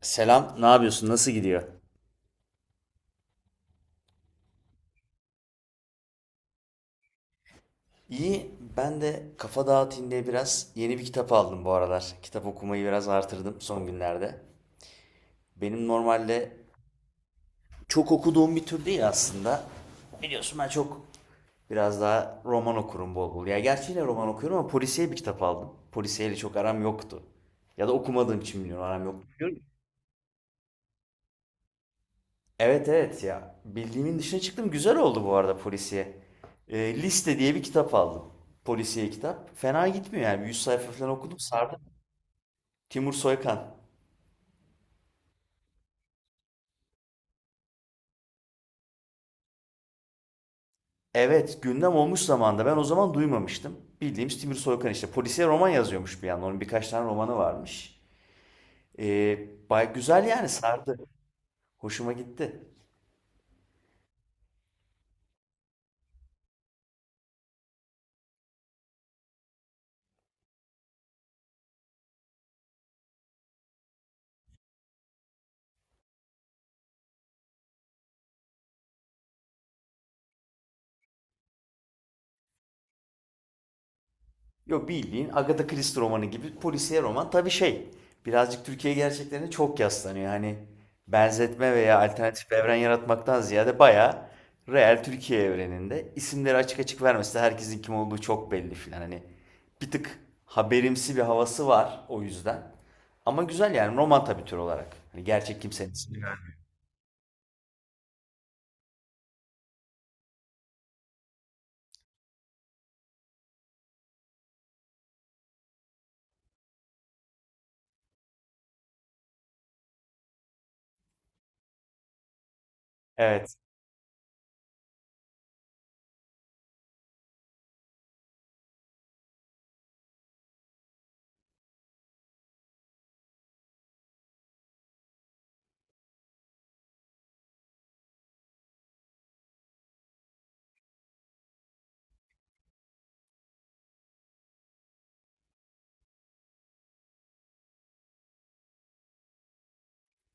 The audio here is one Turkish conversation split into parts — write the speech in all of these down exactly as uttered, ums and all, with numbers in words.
Selam, ne yapıyorsun? Nasıl gidiyor? İyi, ben de kafa dağıtayım diye biraz yeni bir kitap aldım bu aralar. Kitap okumayı biraz artırdım son günlerde. Benim normalde çok okuduğum bir tür değil aslında. Biliyorsun ben çok biraz daha roman okurum bol bol. Ya gerçi yine roman okuyorum ama polisiye bir kitap aldım. Polisiyeyle çok aram yoktu. Ya da okumadığım için bilmiyorum aram yoktu. Evet evet ya. Bildiğimin dışına çıktım. Güzel oldu bu arada polisiye. Ee, Liste diye bir kitap aldım. Polisiye kitap. Fena gitmiyor yani. yüz sayfa falan okudum. Sardı. Timur Soykan. Evet gündem olmuş zamanda ben o zaman duymamıştım. Bildiğimiz Timur Soykan işte. Polisiye roman yazıyormuş bir yandan. Onun birkaç tane romanı varmış. Ee, bay güzel yani sardı. Hoşuma gitti. Yok bildiğin Agatha Christie romanı gibi polisiye roman. Tabii şey birazcık Türkiye gerçeklerine çok yaslanıyor. Hani benzetme veya alternatif bir evren yaratmaktan ziyade bayağı real Türkiye evreninde isimleri açık açık vermesi de herkesin kim olduğu çok belli filan. Hani bir tık haberimsi bir havası var o yüzden. Ama güzel yani roman tabii tür olarak. Hani gerçek kimsenin ismi. Evet.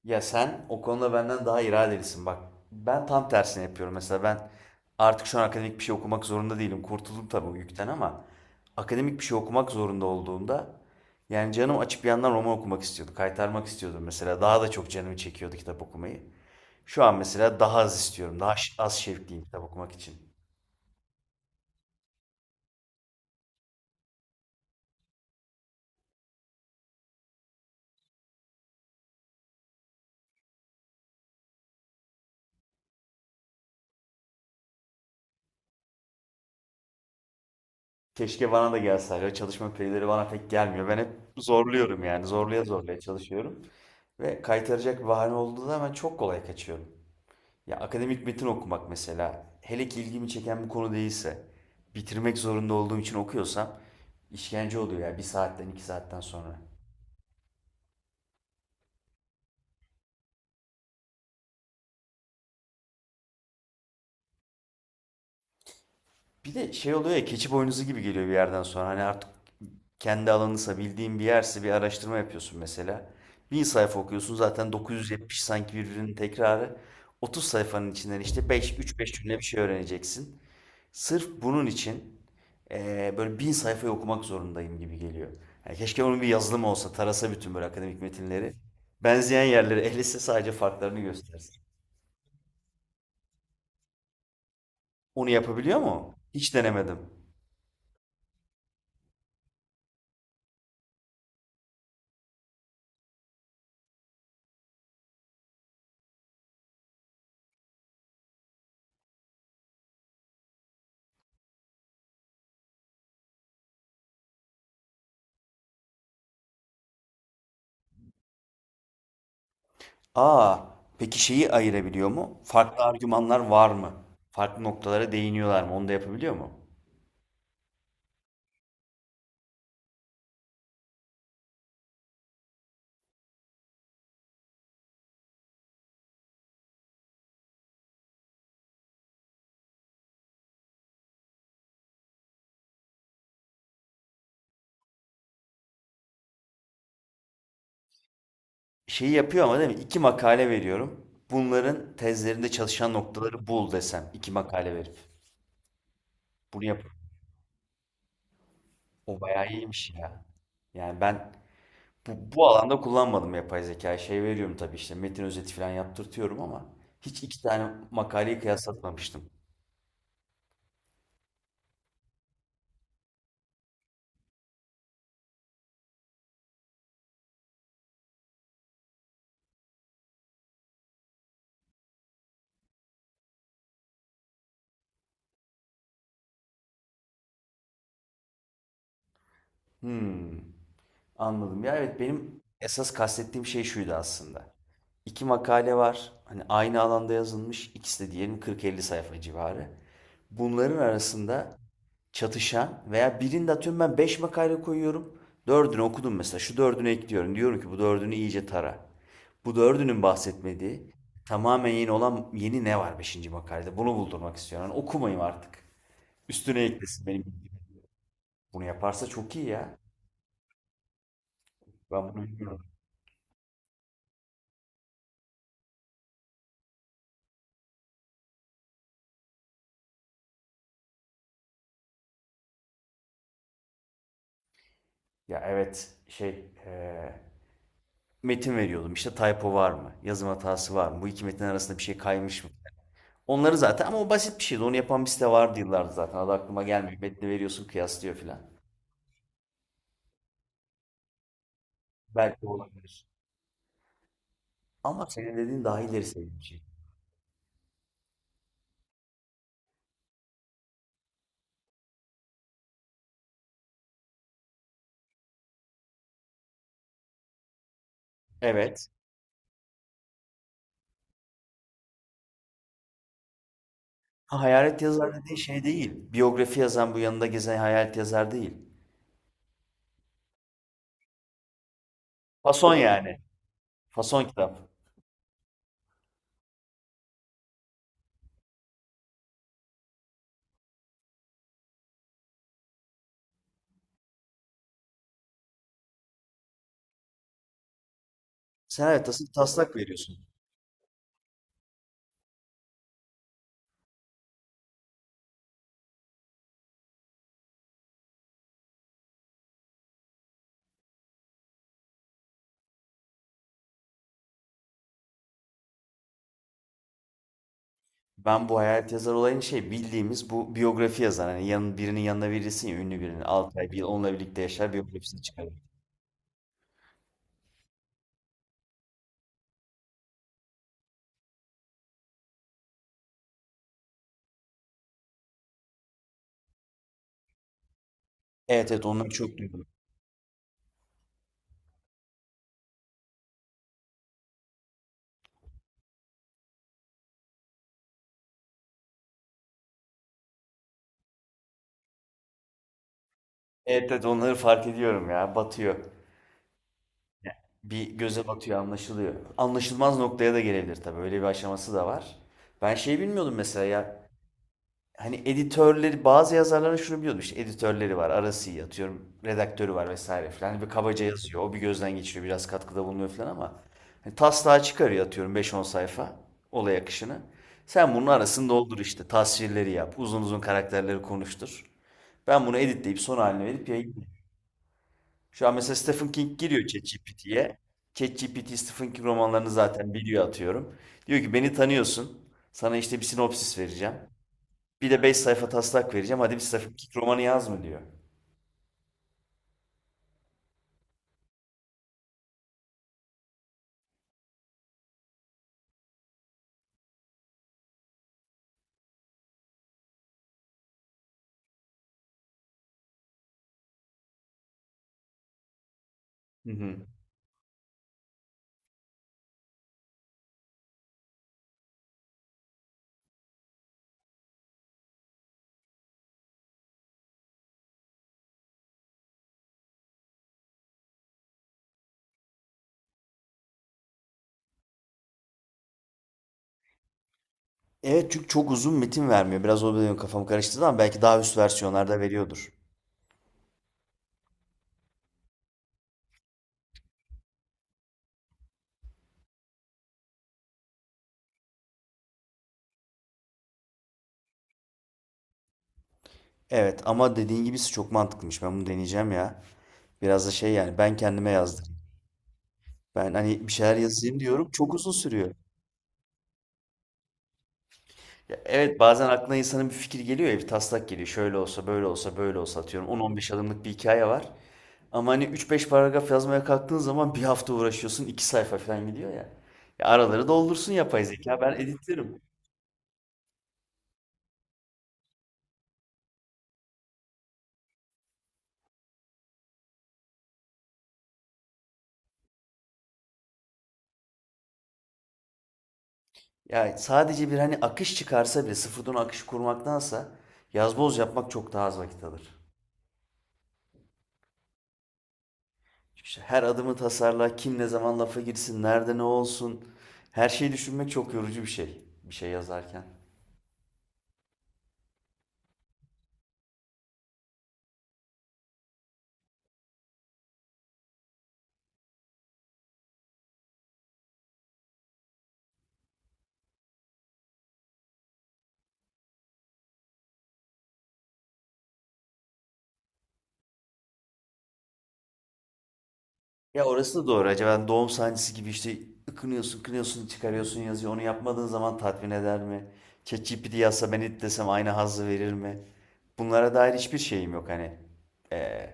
Ya sen o konuda benden daha iradelisin bak. Ben tam tersini yapıyorum mesela, ben artık şu an akademik bir şey okumak zorunda değilim. Kurtuldum tabii o yükten ama akademik bir şey okumak zorunda olduğumda yani canım açıp bir yandan roman okumak istiyordu. Kaytarmak istiyordum mesela. Daha da çok canımı çekiyordu kitap okumayı. Şu an mesela daha az istiyorum. Daha ş- az şevkliyim kitap okumak için. Keşke bana da gelse. Hala çalışma perileri bana pek gelmiyor. Ben hep zorluyorum yani. Zorlaya zorlaya çalışıyorum. Ve kaytaracak bir bahane olduğu zaman çok kolay kaçıyorum. Ya akademik metin okumak mesela, hele ki ilgimi çeken bir konu değilse, bitirmek zorunda olduğum için okuyorsam işkence oluyor ya bir saatten iki saatten sonra. Bir de şey oluyor ya, keçi boynuzu gibi geliyor bir yerden sonra. Hani artık kendi alanınsa, bildiğin bir yerse, bir araştırma yapıyorsun mesela. Bin sayfa okuyorsun zaten, dokuz yüz yetmiş sanki birbirinin tekrarı. otuz sayfanın içinden işte beş, üç beş cümle bir şey öğreneceksin. Sırf bunun için e, böyle bin sayfayı okumak zorundayım gibi geliyor. Yani keşke onun bir yazılımı olsa, tarasa bütün böyle akademik metinleri. Benzeyen yerleri ehliyse sadece farklarını göstersin. Onu yapabiliyor mu? Hiç denemedim. Aa, peki şeyi ayırabiliyor mu? Farklı argümanlar var mı? Farklı noktalara değiniyorlar mı? Onu da yapabiliyor mu? Şeyi yapıyor ama değil mi? İki makale veriyorum. Bunların tezlerinde çalışan noktaları bul desem. İki makale verip. Bunu yap. O bayağı iyiymiş ya. Yani ben Bu, bu alanda kullanmadım yapay zekayı. Şey veriyorum tabii, işte metin özeti falan yaptırtıyorum ama hiç iki tane makaleyi kıyaslatmamıştım. Hmm. Anladım. Ya evet, benim esas kastettiğim şey şuydu aslında. İki makale var. Hani aynı alanda yazılmış. İkisi de diyelim kırk elli sayfa civarı. Bunların arasında çatışan veya birinde atıyorum ben beş makale koyuyorum. Dördünü okudum mesela. Şu dördünü ekliyorum. Diyorum ki bu dördünü iyice tara. Bu dördünün bahsetmediği, tamamen yeni olan, yeni ne var beşinci makalede? Bunu buldurmak istiyorum. Yani okumayayım artık. Üstüne eklesin benim bildiğim. Bunu yaparsa çok iyi ya. Ben bunu bilmiyorum. Ya evet, şey, eee, metin veriyordum, İşte typo var mı? Yazım hatası var mı? Bu iki metin arasında bir şey kaymış mı? Onları zaten, ama o basit bir şeydi. Onu yapan bir site vardı yıllardır zaten. Adı aklıma gelmiyor. Metni veriyorsun, kıyaslıyor filan. Belki olabilir. Ama senin dediğin daha ileri seviye bir şey. Evet. Ha, hayalet yazar dediğin şey değil. Biyografi yazan, bu yanında gezen hayalet yazar değil. Fason yani. Fason kitap. Sen evet, tasın taslak veriyorsun. Ben bu hayalet yazar olayını, şey, bildiğimiz bu biyografi yazar. Hani yanın, birinin yanına verirsin ya ünlü birinin. Altı ay bir yıl onunla birlikte yaşar, biyografisini çıkarır. Evet evet, onları çok duydum. Evet evet, onları fark ediyorum ya, batıyor. Bir, göze batıyor, anlaşılıyor. Anlaşılmaz noktaya da gelebilir tabii, öyle bir aşaması da var. Ben şey bilmiyordum mesela ya, hani editörleri bazı yazarların şunu biliyordum, işte editörleri var, arası iyi, atıyorum redaktörü var vesaire filan. Hani bir kabaca yazıyor, o bir gözden geçiriyor, biraz katkıda bulunuyor filan ama hani taslağı çıkarıyor atıyorum beş on sayfa, olay akışını sen bunun arasını doldur, işte tasvirleri yap uzun uzun, karakterleri konuştur, ben bunu editleyip son haline verip yayınlayayım. Şu an mesela Stephen King giriyor ChatGPT'ye, ChatGPT Stephen King romanlarını zaten biliyor atıyorum, diyor ki beni tanıyorsun, sana işte bir sinopsis vereceğim, bir de beş sayfa taslak vereceğim. Hadi bir sayfa iki romanı yaz mı diyor. Hı hı. Evet, çünkü çok uzun metin vermiyor. Biraz o benim kafam karıştırdı ama belki daha üst versiyonlarda veriyordur. Evet, ama dediğin gibisi çok mantıklıymış. Ben bunu deneyeceğim ya. Biraz da şey, yani ben kendime yazdırayım. Ben hani bir şeyler yazayım diyorum, çok uzun sürüyor. Ya evet, bazen aklına insanın bir fikir geliyor ya, bir taslak geliyor. Şöyle olsa, böyle olsa, böyle olsa atıyorum. On on beş adımlık bir hikaye var. Ama hani üç beş paragraf yazmaya kalktığın zaman bir hafta uğraşıyorsun, iki sayfa falan gidiyor ya. Ya araları doldursun yapay zeka, ben editlerim. Ya sadece bir hani akış çıkarsa bile, sıfırdan akış kurmaktansa yazboz yapmak çok daha az vakit alır. Çünkü işte her adımı tasarla, kim ne zaman lafa girsin, nerede ne olsun. Her şeyi düşünmek çok yorucu bir şey. Bir şey yazarken. Ya orası da doğru. Acaba doğum sancısı gibi işte ıkınıyorsun, kınıyorsun, çıkarıyorsun, yazıyor. Onu yapmadığın zaman tatmin eder mi? ChatGPT yazsa, ben it desem aynı hazzı verir mi? Bunlara dair hiçbir şeyim yok hani. Ee,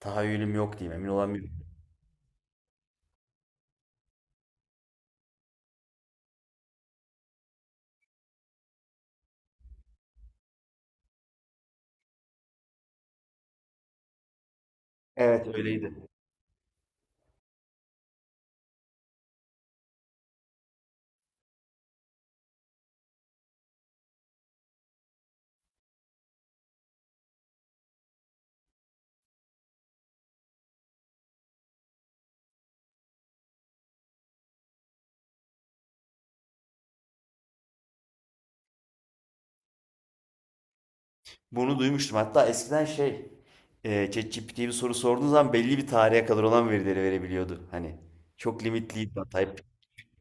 tahayyülüm yok diyeyim. Emin olamıyorum. Evet öyleydi. Bunu duymuştum. Hatta eskiden şey, e, ChatGPT'ye bir soru sorduğun zaman belli bir tarihe kadar olan verileri verebiliyordu. Hani çok limitliydi. Type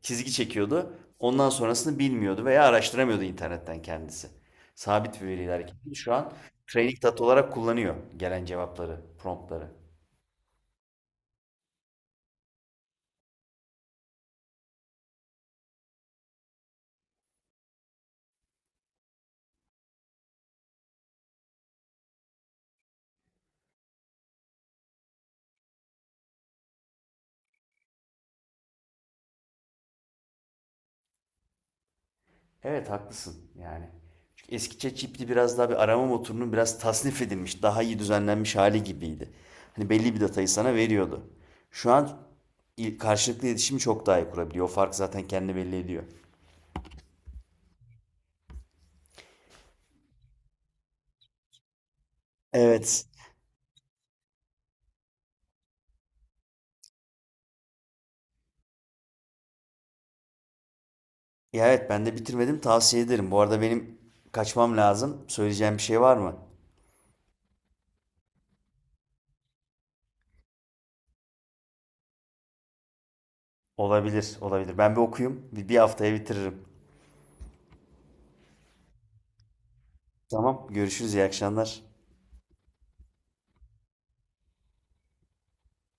çizgi çekiyordu. Ondan sonrasını bilmiyordu veya araştıramıyordu internetten kendisi. Sabit bir veriyle hareket ediyor. Şu an training data olarak kullanıyor gelen cevapları, promptları. Evet haklısın yani. Çünkü eski ChatGPT biraz daha bir arama motorunun biraz tasnif edilmiş, daha iyi düzenlenmiş hali gibiydi. Hani belli bir datayı sana veriyordu. Şu an il- karşılıklı iletişimi çok daha iyi kurabiliyor. O fark zaten kendi belli ediyor. Evet. Ya evet, ben de bitirmedim. Tavsiye ederim. Bu arada benim kaçmam lazım. Söyleyeceğim bir şey var mı? Olabilir, olabilir. Ben bir okuyayım. Bir, bir haftaya bitiririm. Tamam, görüşürüz. İyi akşamlar.